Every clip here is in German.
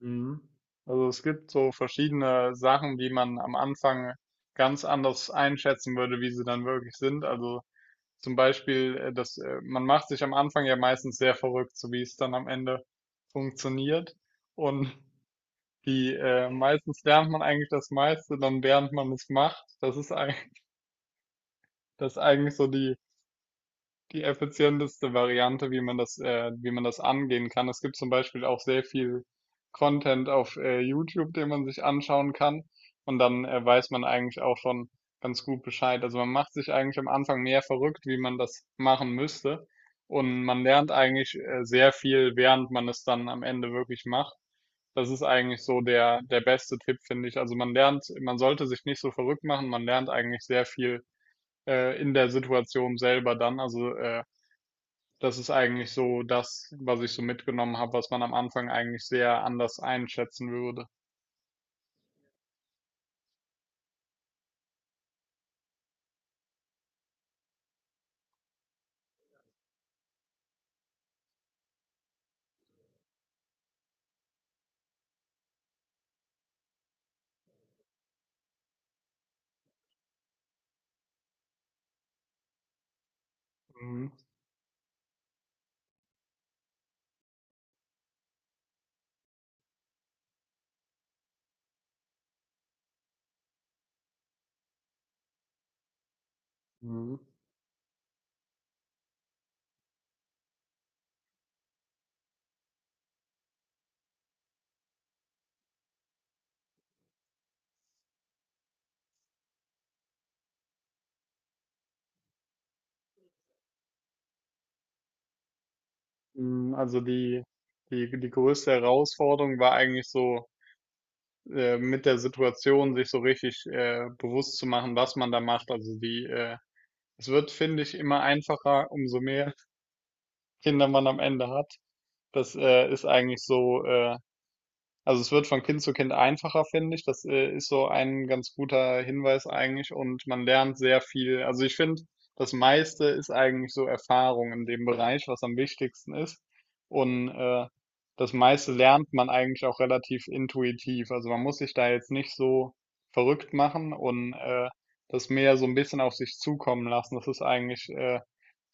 Mhm. Also es gibt so verschiedene Sachen, die man am Anfang ganz anders einschätzen würde, wie sie dann wirklich sind. Also zum Beispiel, dass man macht sich am Anfang ja meistens sehr verrückt, so wie es dann am Ende funktioniert. Und die meistens lernt man eigentlich das meiste, dann während man es macht. Das ist eigentlich so die effizienteste Variante, wie man das, wie man das angehen kann. Es gibt zum Beispiel auch sehr viel Content auf YouTube, den man sich anschauen kann. Und dann weiß man eigentlich auch schon ganz gut Bescheid. Also man macht sich eigentlich am Anfang mehr verrückt, wie man das machen müsste. Und man lernt eigentlich sehr viel, während man es dann am Ende wirklich macht. Das ist eigentlich so der beste Tipp, finde ich. Also man lernt, man sollte sich nicht so verrückt machen, man lernt eigentlich sehr viel in der Situation selber dann. Also das ist eigentlich so das, was ich so mitgenommen habe, was man am Anfang eigentlich sehr anders einschätzen würde. Mhm. Mhm. Also die größte Herausforderung war eigentlich so, mit der Situation sich so richtig bewusst zu machen, was man da macht. Also es wird, finde ich, immer einfacher, umso mehr Kinder man am Ende hat. Das ist eigentlich so. Also es wird von Kind zu Kind einfacher, finde ich. Das ist so ein ganz guter Hinweis eigentlich und man lernt sehr viel. Also ich finde, das meiste ist eigentlich so Erfahrung in dem Bereich, was am wichtigsten ist. Und das meiste lernt man eigentlich auch relativ intuitiv. Also man muss sich da jetzt nicht so verrückt machen und das mehr so ein bisschen auf sich zukommen lassen. Das ist eigentlich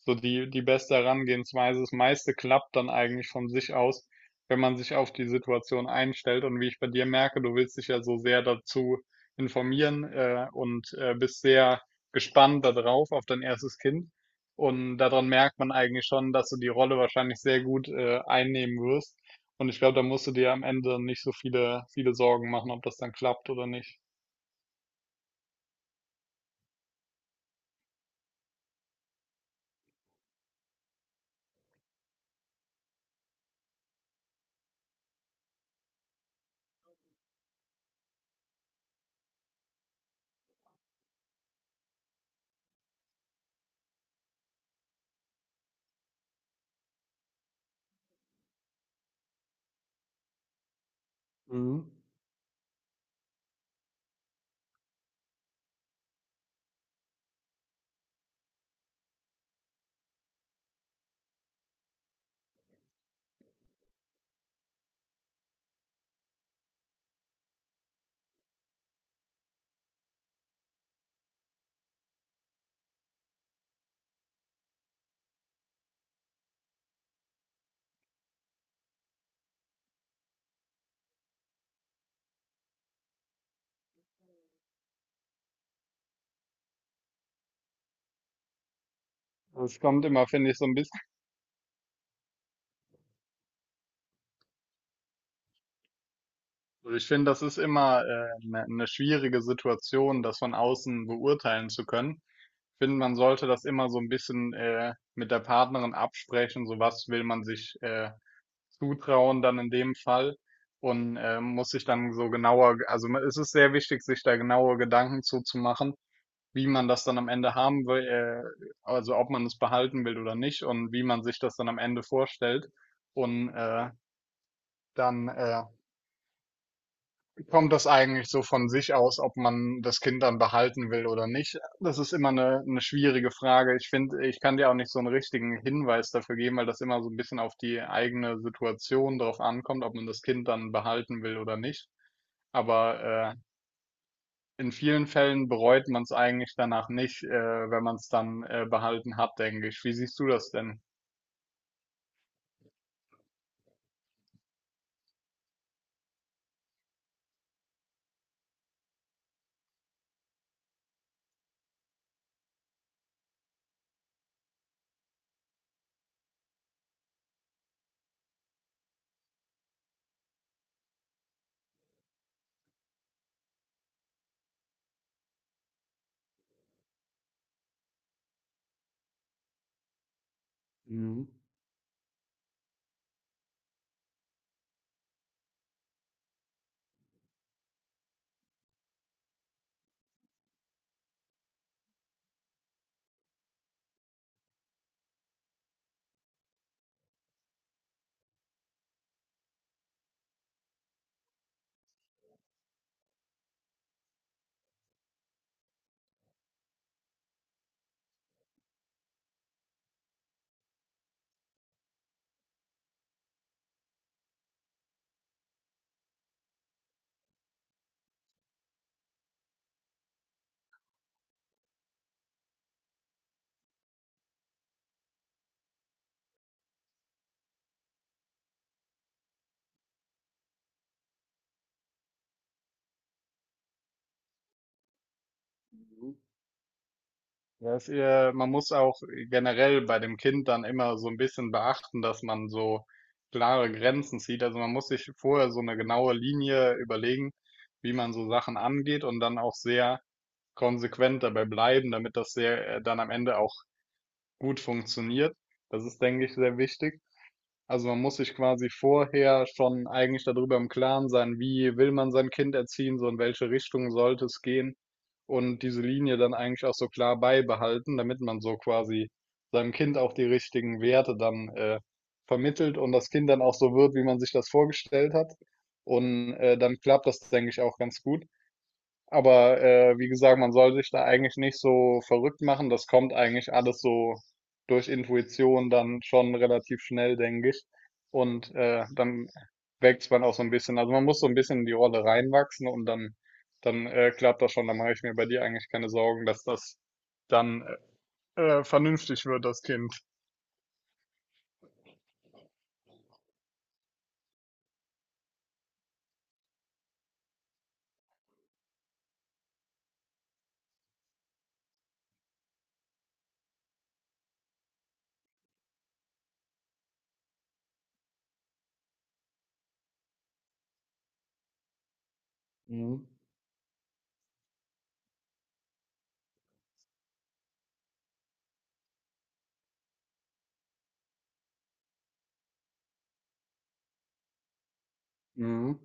so die beste Herangehensweise. Das meiste klappt dann eigentlich von sich aus, wenn man sich auf die Situation einstellt. Und wie ich bei dir merke, du willst dich ja so sehr dazu informieren und bist sehr gespannt darauf, auf dein erstes Kind. Und daran merkt man eigentlich schon, dass du die Rolle wahrscheinlich sehr gut einnehmen wirst. Und ich glaube, da musst du dir am Ende nicht so viele, viele Sorgen machen, ob das dann klappt oder nicht. Mhm. Es kommt immer, finde ich, so ein bisschen. Also ich finde, das ist immer eine ne schwierige Situation, das von außen beurteilen zu können. Ich finde, man sollte das immer so ein bisschen mit der Partnerin absprechen, so was will man sich zutrauen dann in dem Fall und muss sich dann so genauer, also es ist sehr wichtig, sich da genaue Gedanken zuzumachen, wie man das dann am Ende haben will, also ob man es behalten will oder nicht und wie man sich das dann am Ende vorstellt und dann kommt das eigentlich so von sich aus, ob man das Kind dann behalten will oder nicht? Das ist immer eine schwierige Frage. Ich finde, ich kann dir auch nicht so einen richtigen Hinweis dafür geben, weil das immer so ein bisschen auf die eigene Situation drauf ankommt, ob man das Kind dann behalten will oder nicht. Aber in vielen Fällen bereut man es eigentlich danach nicht, wenn man es dann behalten hat, denke ich. Wie siehst du das denn? Mhm. Ja, man muss auch generell bei dem Kind dann immer so ein bisschen beachten, dass man so klare Grenzen zieht. Also man muss sich vorher so eine genaue Linie überlegen, wie man so Sachen angeht und dann auch sehr konsequent dabei bleiben, damit das sehr, dann am Ende auch gut funktioniert. Das ist, denke ich, sehr wichtig. Also man muss sich quasi vorher schon eigentlich darüber im Klaren sein, wie will man sein Kind erziehen, so in welche Richtung sollte es gehen und diese Linie dann eigentlich auch so klar beibehalten, damit man so quasi seinem Kind auch die richtigen Werte dann vermittelt und das Kind dann auch so wird, wie man sich das vorgestellt hat. Und dann klappt das, denke ich, auch ganz gut. Aber wie gesagt, man soll sich da eigentlich nicht so verrückt machen. Das kommt eigentlich alles so durch Intuition dann schon relativ schnell, denke ich. Und dann wächst man auch so ein bisschen. Also man muss so ein bisschen in die Rolle reinwachsen und dann klappt das schon. Dann mache ich mir bei dir eigentlich keine Sorgen, dass das dann vernünftig wird, das Kind. Mhm. Mhm.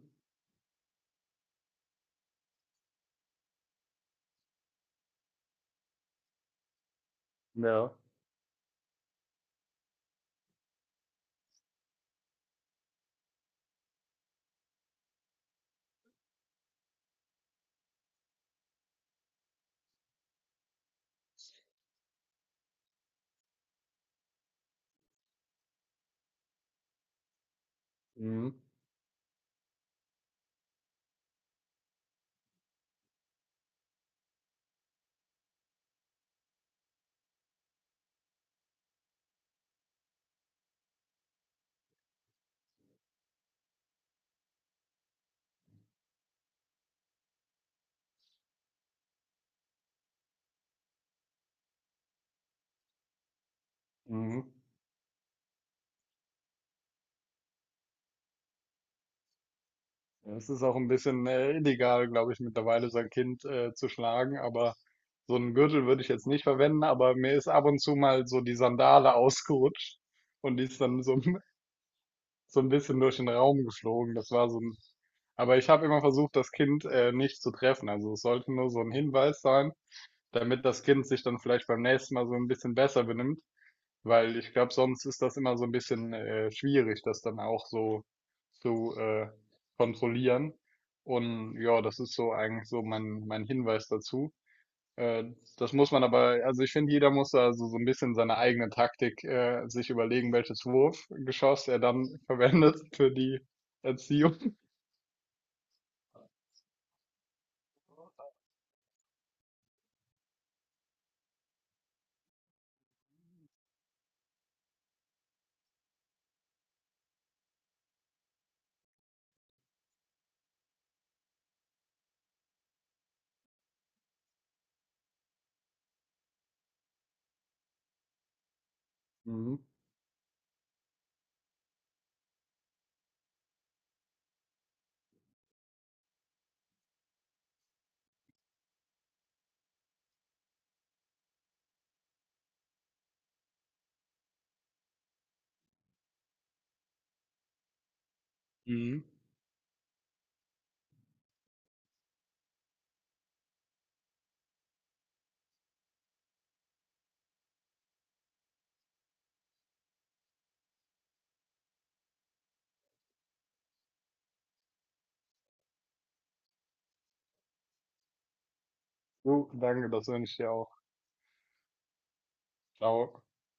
Ja. Mhm. Mhm. Ja, es ist auch ein bisschen illegal, glaube ich, mittlerweile sein Kind zu schlagen, aber so einen Gürtel würde ich jetzt nicht verwenden, aber mir ist ab und zu mal so die Sandale ausgerutscht und die ist dann so, so ein bisschen durch den Raum geflogen. Das war so ein, Aber ich habe immer versucht, das Kind nicht zu treffen. Also es sollte nur so ein Hinweis sein, damit das Kind sich dann vielleicht beim nächsten Mal so ein bisschen besser benimmt. Weil ich glaube, sonst ist das immer so ein bisschen schwierig, das dann auch so zu kontrollieren. Und ja, das ist so eigentlich so mein Hinweis dazu. Äh, das muss man aber, also ich finde, jeder muss da so, ein bisschen seine eigene Taktik sich überlegen, welches Wurfgeschoss er dann verwendet für die Erziehung. Mhm. Mhm. So, danke, das wünsche ich dir auch. Ciao.